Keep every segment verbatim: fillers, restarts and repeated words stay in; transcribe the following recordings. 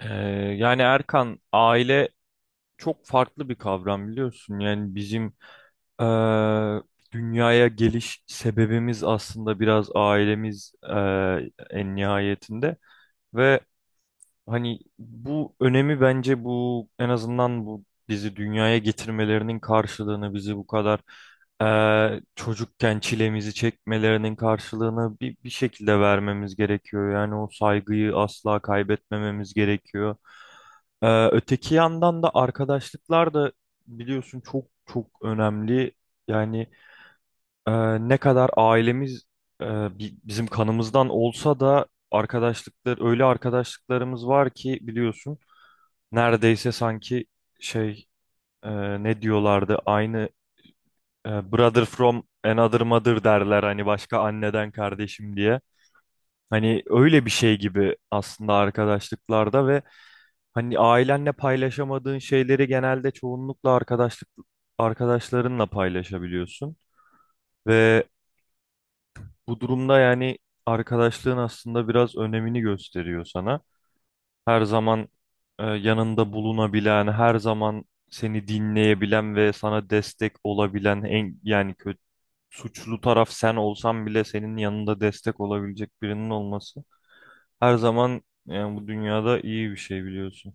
Ee, yani Erkan aile çok farklı bir kavram biliyorsun. Yani bizim eee, dünyaya geliş sebebimiz aslında biraz ailemiz eee, en nihayetinde ve hani bu önemi bence bu en azından bu bizi dünyaya getirmelerinin karşılığını bizi bu kadar eee, çocukken çilemizi çekmelerinin karşılığını bir, bir şekilde vermemiz gerekiyor. Yani o saygıyı asla kaybetmememiz gerekiyor. Eee, öteki yandan da arkadaşlıklar da biliyorsun çok çok önemli. Yani ee, ne kadar ailemiz e, bi- bizim kanımızdan olsa da arkadaşlıklar öyle arkadaşlıklarımız var ki biliyorsun neredeyse sanki şey e, ne diyorlardı aynı e, brother from another mother derler hani başka anneden kardeşim diye. Hani öyle bir şey gibi aslında arkadaşlıklarda ve hani ailenle paylaşamadığın şeyleri genelde çoğunlukla arkadaşlık arkadaşlarınla paylaşabiliyorsun ve bu durumda yani arkadaşlığın aslında biraz önemini gösteriyor sana. Her zaman e, yanında bulunabilen, her zaman seni dinleyebilen ve sana destek olabilen en yani kötü suçlu taraf sen olsan bile senin yanında destek olabilecek birinin olması her zaman yani bu dünyada iyi bir şey biliyorsun.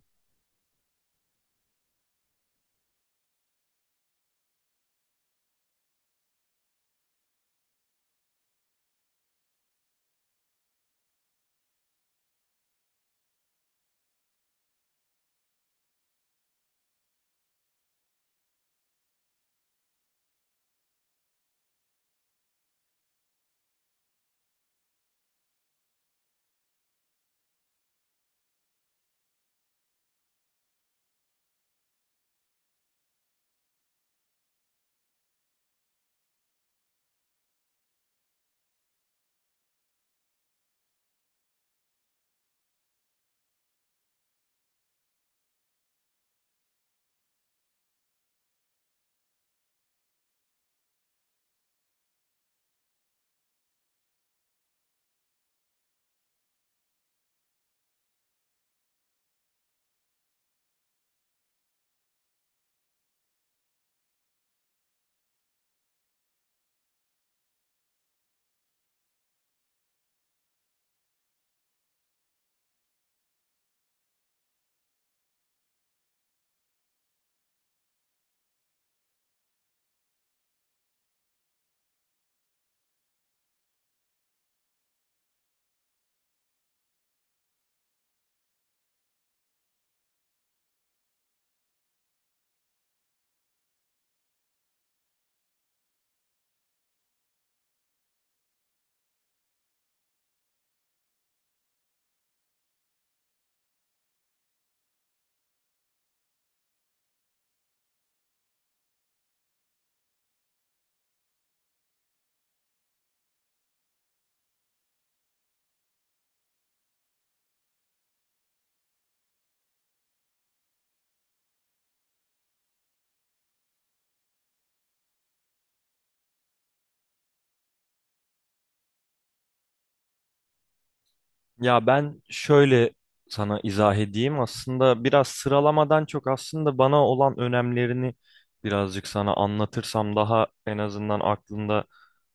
Ya ben şöyle sana izah edeyim. Aslında biraz sıralamadan çok aslında bana olan önemlerini birazcık sana anlatırsam daha en azından aklında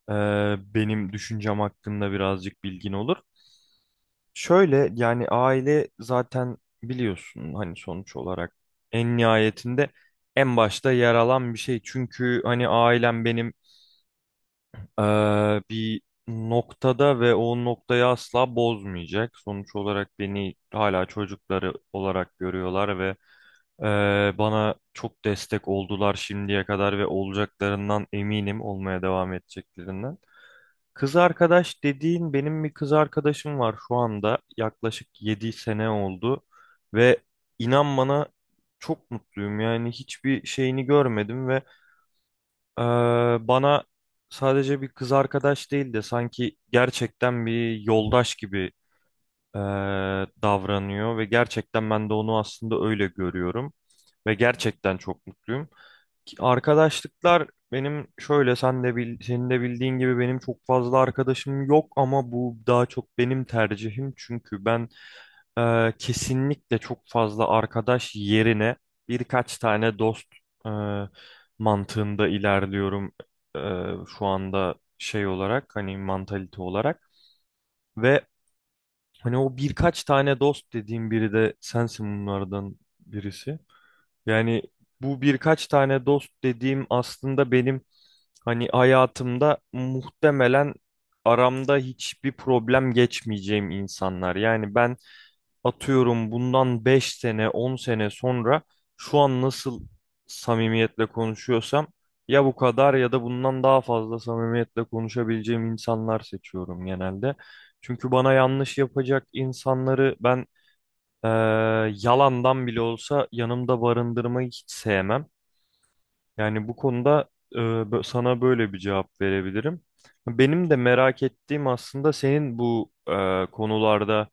e, benim düşüncem hakkında birazcık bilgin olur. Şöyle yani aile zaten biliyorsun hani sonuç olarak en nihayetinde en başta yer alan bir şey. Çünkü hani ailem benim eee, bir noktada ve o noktayı asla bozmayacak. Sonuç olarak beni hala çocukları olarak görüyorlar ve eee, bana çok destek oldular şimdiye kadar ve olacaklarından eminim olmaya devam edeceklerinden. Kız arkadaş dediğin benim bir kız arkadaşım var şu anda yaklaşık yedi sene oldu ve inan bana çok mutluyum yani hiçbir şeyini görmedim ve ee, bana sadece bir kız arkadaş değil de sanki gerçekten bir yoldaş gibi ee, davranıyor ve gerçekten ben de onu aslında öyle görüyorum ve gerçekten çok mutluyum. Ki arkadaşlıklar benim şöyle sen de bil, senin de bildiğin gibi benim çok fazla arkadaşım yok ama bu daha çok benim tercihim çünkü ben e, kesinlikle çok fazla arkadaş yerine birkaç tane dost e, mantığında ilerliyorum e, şu anda şey olarak hani mantalite olarak ve hani o birkaç tane dost dediğim biri de sensin bunlardan birisi. Yani bu birkaç tane dost dediğim aslında benim hani hayatımda muhtemelen aramda hiçbir problem geçmeyeceğim insanlar. Yani ben atıyorum bundan beş sene on sene sonra şu an nasıl samimiyetle konuşuyorsam ya bu kadar ya da bundan daha fazla samimiyetle konuşabileceğim insanlar seçiyorum genelde. Çünkü bana yanlış yapacak insanları ben eee, yalandan bile olsa yanımda barındırmayı hiç sevmem. Yani bu konuda e, bö- sana böyle bir cevap verebilirim. Benim de merak ettiğim aslında senin bu e, konularda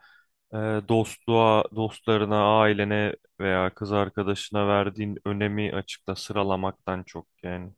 e, dostluğa, dostlarına, ailene veya kız arkadaşına verdiğin önemi açıkta sıralamaktan çok yani.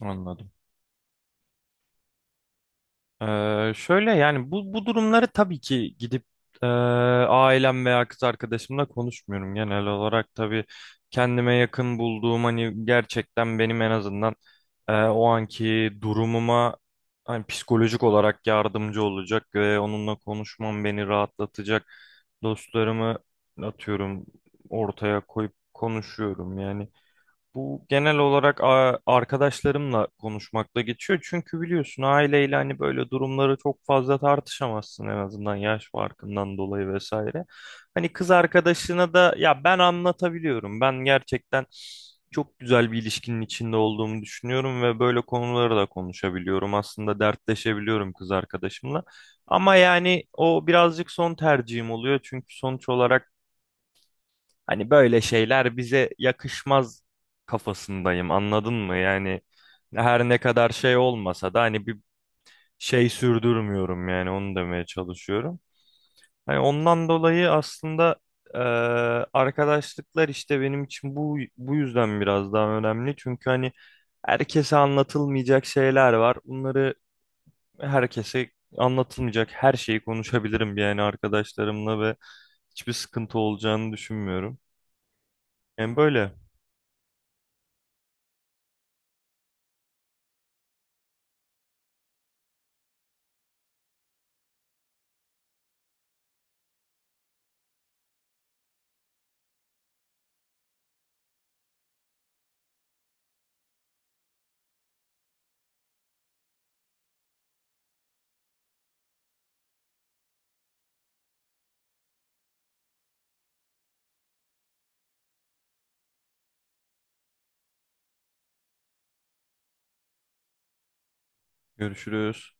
Anladım. Ee, şöyle yani bu bu durumları tabii ki gidip e, ailem veya kız arkadaşımla konuşmuyorum. Genel olarak tabii kendime yakın bulduğum hani gerçekten benim en azından e, o anki durumuma hani psikolojik olarak yardımcı olacak ve onunla konuşmam beni rahatlatacak dostlarımı atıyorum ortaya koyup konuşuyorum yani. Bu genel olarak a- arkadaşlarımla konuşmakla geçiyor. Çünkü biliyorsun aileyle hani böyle durumları çok fazla tartışamazsın en azından yaş farkından dolayı vesaire. Hani kız arkadaşına da ya ben anlatabiliyorum. Ben gerçekten çok güzel bir ilişkinin içinde olduğumu düşünüyorum ve böyle konuları da konuşabiliyorum. Aslında dertleşebiliyorum kız arkadaşımla. Ama yani o birazcık son tercihim oluyor. Çünkü sonuç olarak hani böyle şeyler bize yakışmaz kafasındayım anladın mı? Yani her ne kadar şey olmasa da hani bir şey sürdürmüyorum yani onu demeye çalışıyorum. Hani ondan dolayı aslında eee, arkadaşlıklar işte benim için bu bu yüzden biraz daha önemli. Çünkü hani herkese anlatılmayacak şeyler var. Bunları herkese anlatılmayacak her şeyi konuşabilirim yani arkadaşlarımla ve hiçbir sıkıntı olacağını düşünmüyorum. Yani böyle. Görüşürüz.